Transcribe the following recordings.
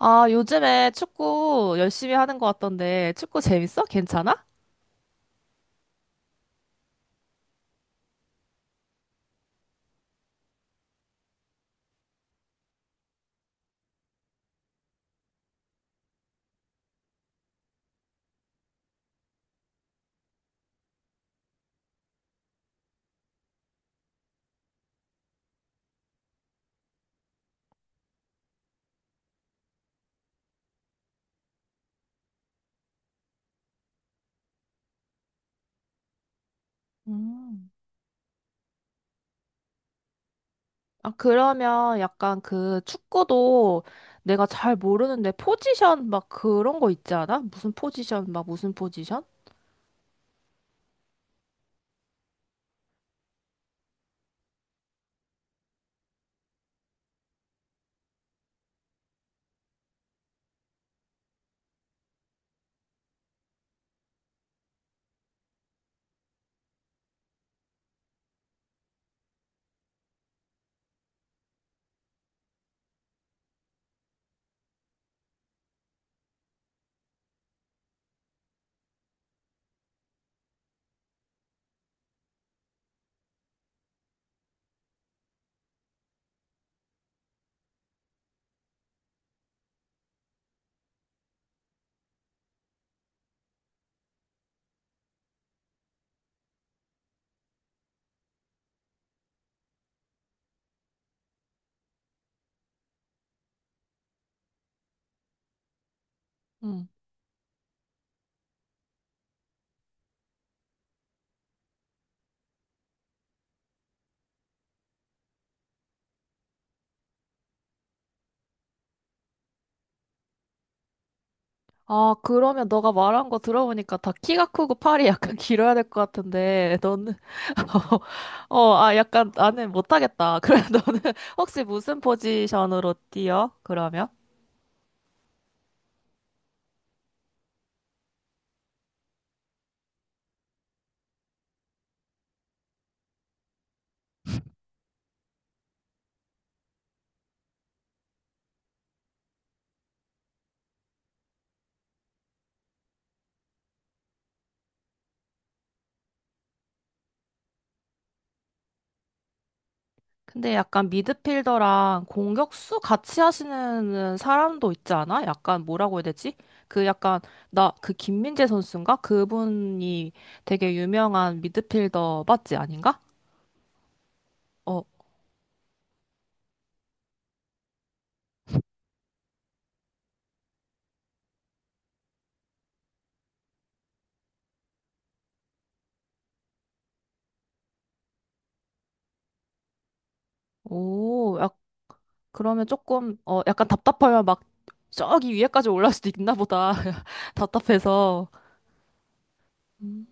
아, 요즘에 축구 열심히 하는 것 같던데, 축구 재밌어? 괜찮아? 음. 아, 그러면 약간 그 축구도 내가 잘 모르는데 포지션 막 그런 거 있지 않아? 무슨 포지션, 막 무슨 포지션? 음. 아, 그러면 너가 말한 거 들어보니까 다 키가 크고 팔이 약간 길어야 될 것 같은데, 너는. 어, 아, 약간 나는 못하겠다. 그래, 너는 혹시 무슨 포지션으로 뛰어? 그러면? 근데 약간 미드필더랑 공격수 같이 하시는 사람도 있지 않아? 약간 뭐라고 해야 되지? 그 약간 나 그 김민재 선수인가? 그분이 되게 유명한 미드필더 맞지 아닌가? 어, 오, 약 그러면 조금 어 약간 답답하면 막 저기 위에까지 올라올 수도 있나 보다. 답답해서. 음.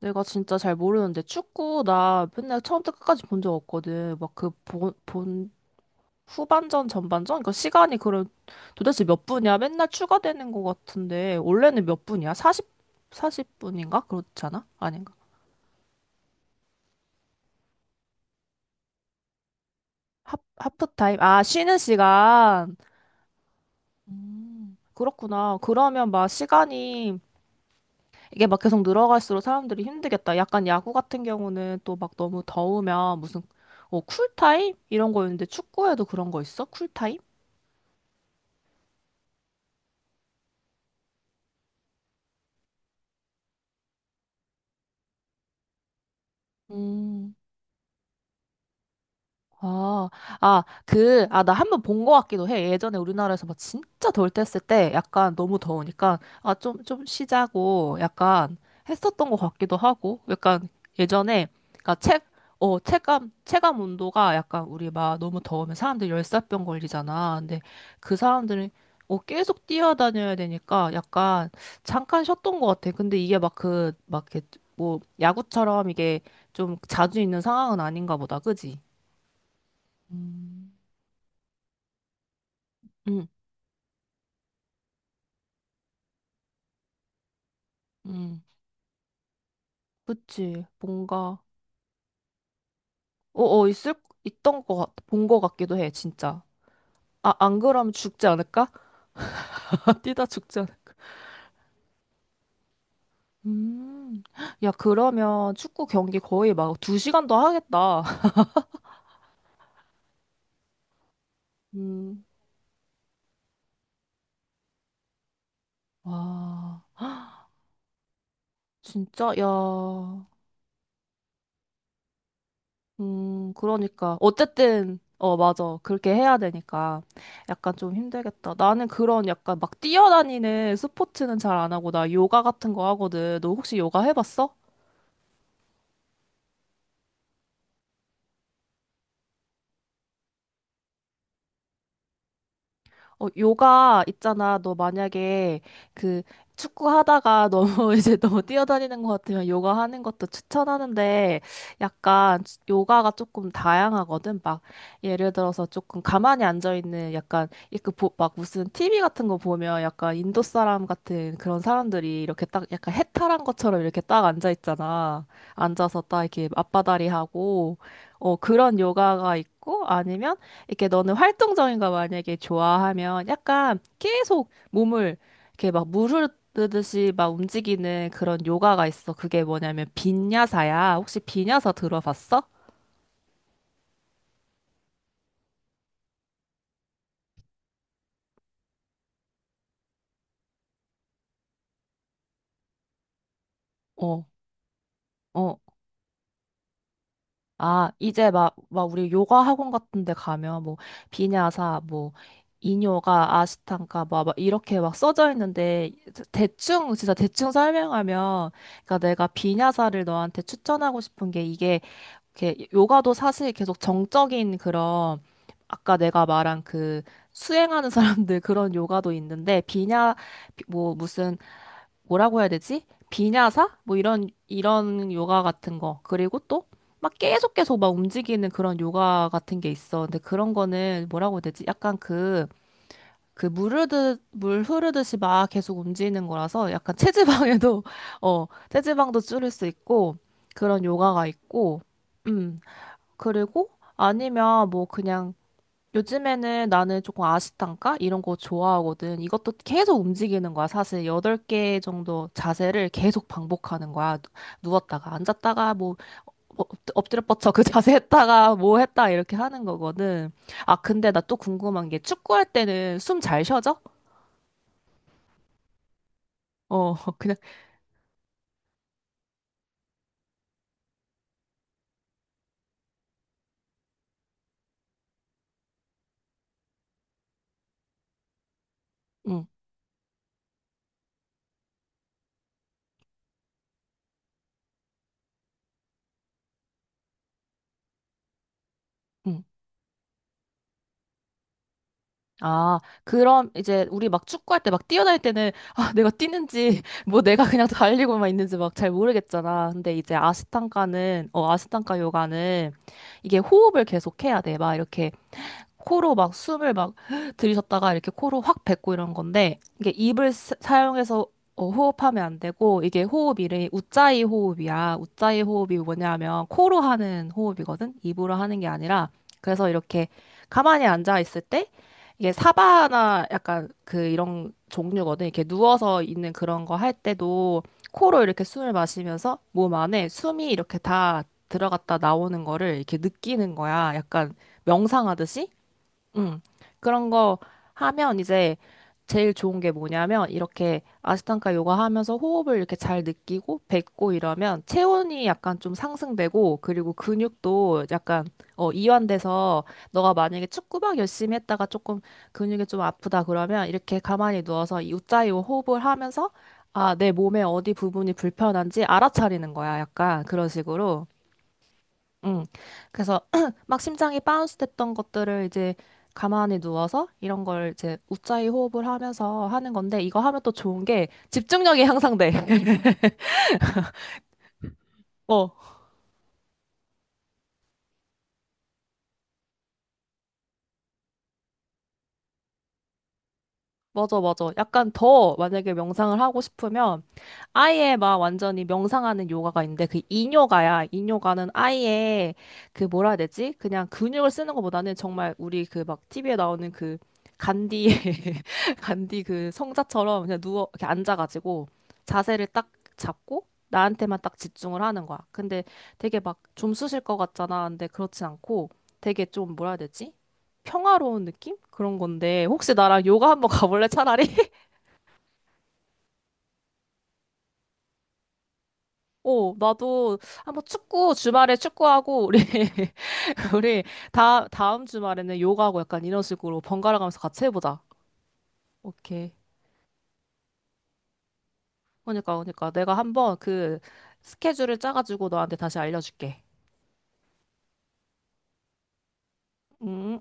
내가 진짜 잘 모르는데 축구 나 맨날 처음부터 끝까지 본 적 없거든. 막그본본 후반전, 전반전? 그러니까 시간이 그럼 도대체 몇 분이야? 맨날 추가되는 것 같은데 원래는 몇 분이야? 40, 사십 분인가 그렇지 않아? 아닌가? 하프타임? 아, 쉬는 시간. 그렇구나. 그러면 막 시간이 이게 막 계속 늘어갈수록 사람들이 힘들겠다. 약간 야구 같은 경우는 또 막 너무 더우면 무슨 쿨타임? 이런 거였는데 축구에도 그런 거 있어? 쿨타임? 음. 아, 아, 그, 아, 나 한 번 본 거 같기도 해. 예전에 우리나라에서 막 진짜 덜 뗐을 때 약간 너무 더우니까, 아, 좀 쉬자고 약간 했었던 거 같기도 하고, 약간 예전에, 그니까 체감 온도가 약간 우리 막 너무 더우면 사람들 열사병 걸리잖아. 근데 그 사람들은 계속 뛰어다녀야 되니까 약간 잠깐 쉬었던 것 같아. 근데 이게 막 그, 막 이렇게 뭐 야구처럼 이게 좀 자주 있는 상황은 아닌가 보다. 그지? 음, 음, 음. 그치. 뭔가, 있을, 있던 거 같, 본 거 같기도 해, 진짜. 아, 안 그러면 죽지 않을까? 뛰다 죽지 않을까? 음, 야, 그러면 축구 경기 거의 막 두 시간도 하겠다. 음, 와, 진짜, 야, 그러니까. 어쨌든, 맞아. 그렇게 해야 되니까. 약간 좀 힘들겠다. 나는 그런 약간 막 뛰어다니는 스포츠는 잘 안 하고, 나 요가 같은 거 하거든. 너 혹시 요가 해봤어? 어, 요가 있잖아. 너 만약에 그 축구 하다가 너무 이제 너무 뛰어다니는 것 같으면 요가 하는 것도 추천하는데 약간 요가가 조금 다양하거든. 막 예를 들어서 조금 가만히 앉아 있는 약간 이렇게 막 무슨 TV 같은 거 보면 약간 인도 사람 같은 그런 사람들이 이렇게 딱 약간 해탈한 것처럼 이렇게 딱 앉아 있잖아. 앉아서 딱 이렇게 맞바다리 하고 그런 요가가 있고 아니면 이렇게 너는 활동적인 거 만약에 좋아하면 약간 계속 몸을 이렇게 막 무르르듯이 막 움직이는 그런 요가가 있어. 그게 뭐냐면 빈야사야. 혹시 빈야사 들어봤어? 어, 어. 아, 이제 막 우리 요가 학원 같은 데 가면 뭐 비냐사, 뭐 인요가, 아시탄가 막 이렇게 막 써져 있는데 대충 진짜 대충 설명하면 그러니까 내가 비냐사를 너한테 추천하고 싶은 게 이게 이렇게 요가도 사실 계속 정적인 그런 아까 내가 말한 그 수행하는 사람들 그런 요가도 있는데 뭐 무슨 뭐라고 해야 되지? 비냐사? 뭐 이런 요가 같은 거. 그리고 또 막 계속 계속 막 움직이는 그런 요가 같은 게 있어. 근데 그런 거는 뭐라고 해야 되지? 약간 그 물 흐르듯 물 흐르듯이 막 계속 움직이는 거라서 약간 체지방에도 어 체지방도 줄일 수 있고 그런 요가가 있고 음. 그리고 아니면 뭐 그냥 요즘에는 나는 조금 아시탄가 이런 거 좋아하거든. 이것도 계속 움직이는 거야. 사실 8개 정도 자세를 계속 반복하는 거야. 누웠다가 앉았다가 뭐 엎- 엎드려 뻗쳐 그 자세 했다가 뭐 했다 이렇게 하는 거거든. 아 근데 나 또 궁금한 게 축구할 때는 숨 잘 쉬어져? 어 그냥 응. 응. 아, 그럼 이제 우리 막 축구할 때 막 뛰어날 때는 아, 내가 뛰는지 뭐 내가 그냥 달리고만 있는지 막 잘 모르겠잖아. 근데 이제 아시탄가는 아시탄가 요가는 이게 호흡을 계속 해야 돼. 막 이렇게 코로 막 숨을 막 들이셨다가 이렇게 코로 확 뱉고 이런 건데 이게 입을 사용해서 호흡하면 안 되고 이게 호흡 이름이 이 호흡이야. 우짜이 호흡이 뭐냐면 코로 하는 호흡이거든. 입으로 하는 게 아니라 그래서 이렇게 가만히 앉아 있을 때 이게 사바나 약간 그 이런 종류거든. 이렇게 누워서 있는 그런 거 할 때도 코로 이렇게 숨을 마시면서 몸 안에 숨이 이렇게 다 들어갔다 나오는 거를 이렇게 느끼는 거야. 약간 명상하듯이. 음, 그런 거 하면 이제 제일 좋은 게 뭐냐면 이렇게 아스탕가 요가 하면서 호흡을 이렇게 잘 느끼고 뱉고 이러면 체온이 약간 좀 상승되고 그리고 근육도 약간 이완돼서 너가 만약에 축구막 열심히 했다가 조금 근육이 좀 아프다 그러면 이렇게 가만히 누워서 이 우짜요 호흡을 하면서 아, 내 몸의 어디 부분이 불편한지 알아차리는 거야. 약간 그런 식으로. 응. 그래서 막 심장이 바운스 됐던 것들을 이제 가만히 누워서 이런 걸 이제 웃자이 호흡을 하면서 하는 건데 이거 하면 또 좋은 게 집중력이 향상돼. 어. 맞아, 맞아. 약간 더 만약에 명상을 하고 싶으면 아예 막 완전히 명상하는 요가가 있는데 그 인요가야. 인요가는 아예 그 뭐라 해야 되지? 그냥 근육을 쓰는 것보다는 정말 우리 그 막 TV에 나오는 그 간디, 간디 그 성자처럼 그냥 누워, 이렇게 앉아가지고 자세를 딱 잡고 나한테만 딱 집중을 하는 거야. 근데 되게 막 좀 쑤실 것 같잖아. 근데 그렇진 않고 되게 좀 뭐라 해야 되지? 평화로운 느낌? 그런 건데 혹시 나랑 요가 한번 가볼래 차라리? 어, 나도 한번 축구 주말에 축구하고 우리 우리 다 다음 주말에는 요가하고 약간 이런 식으로 번갈아 가면서 같이 해보자. 오케이. 그러니까 내가 한번 그 스케줄을 짜가지고 너한테 다시 알려줄게. 음.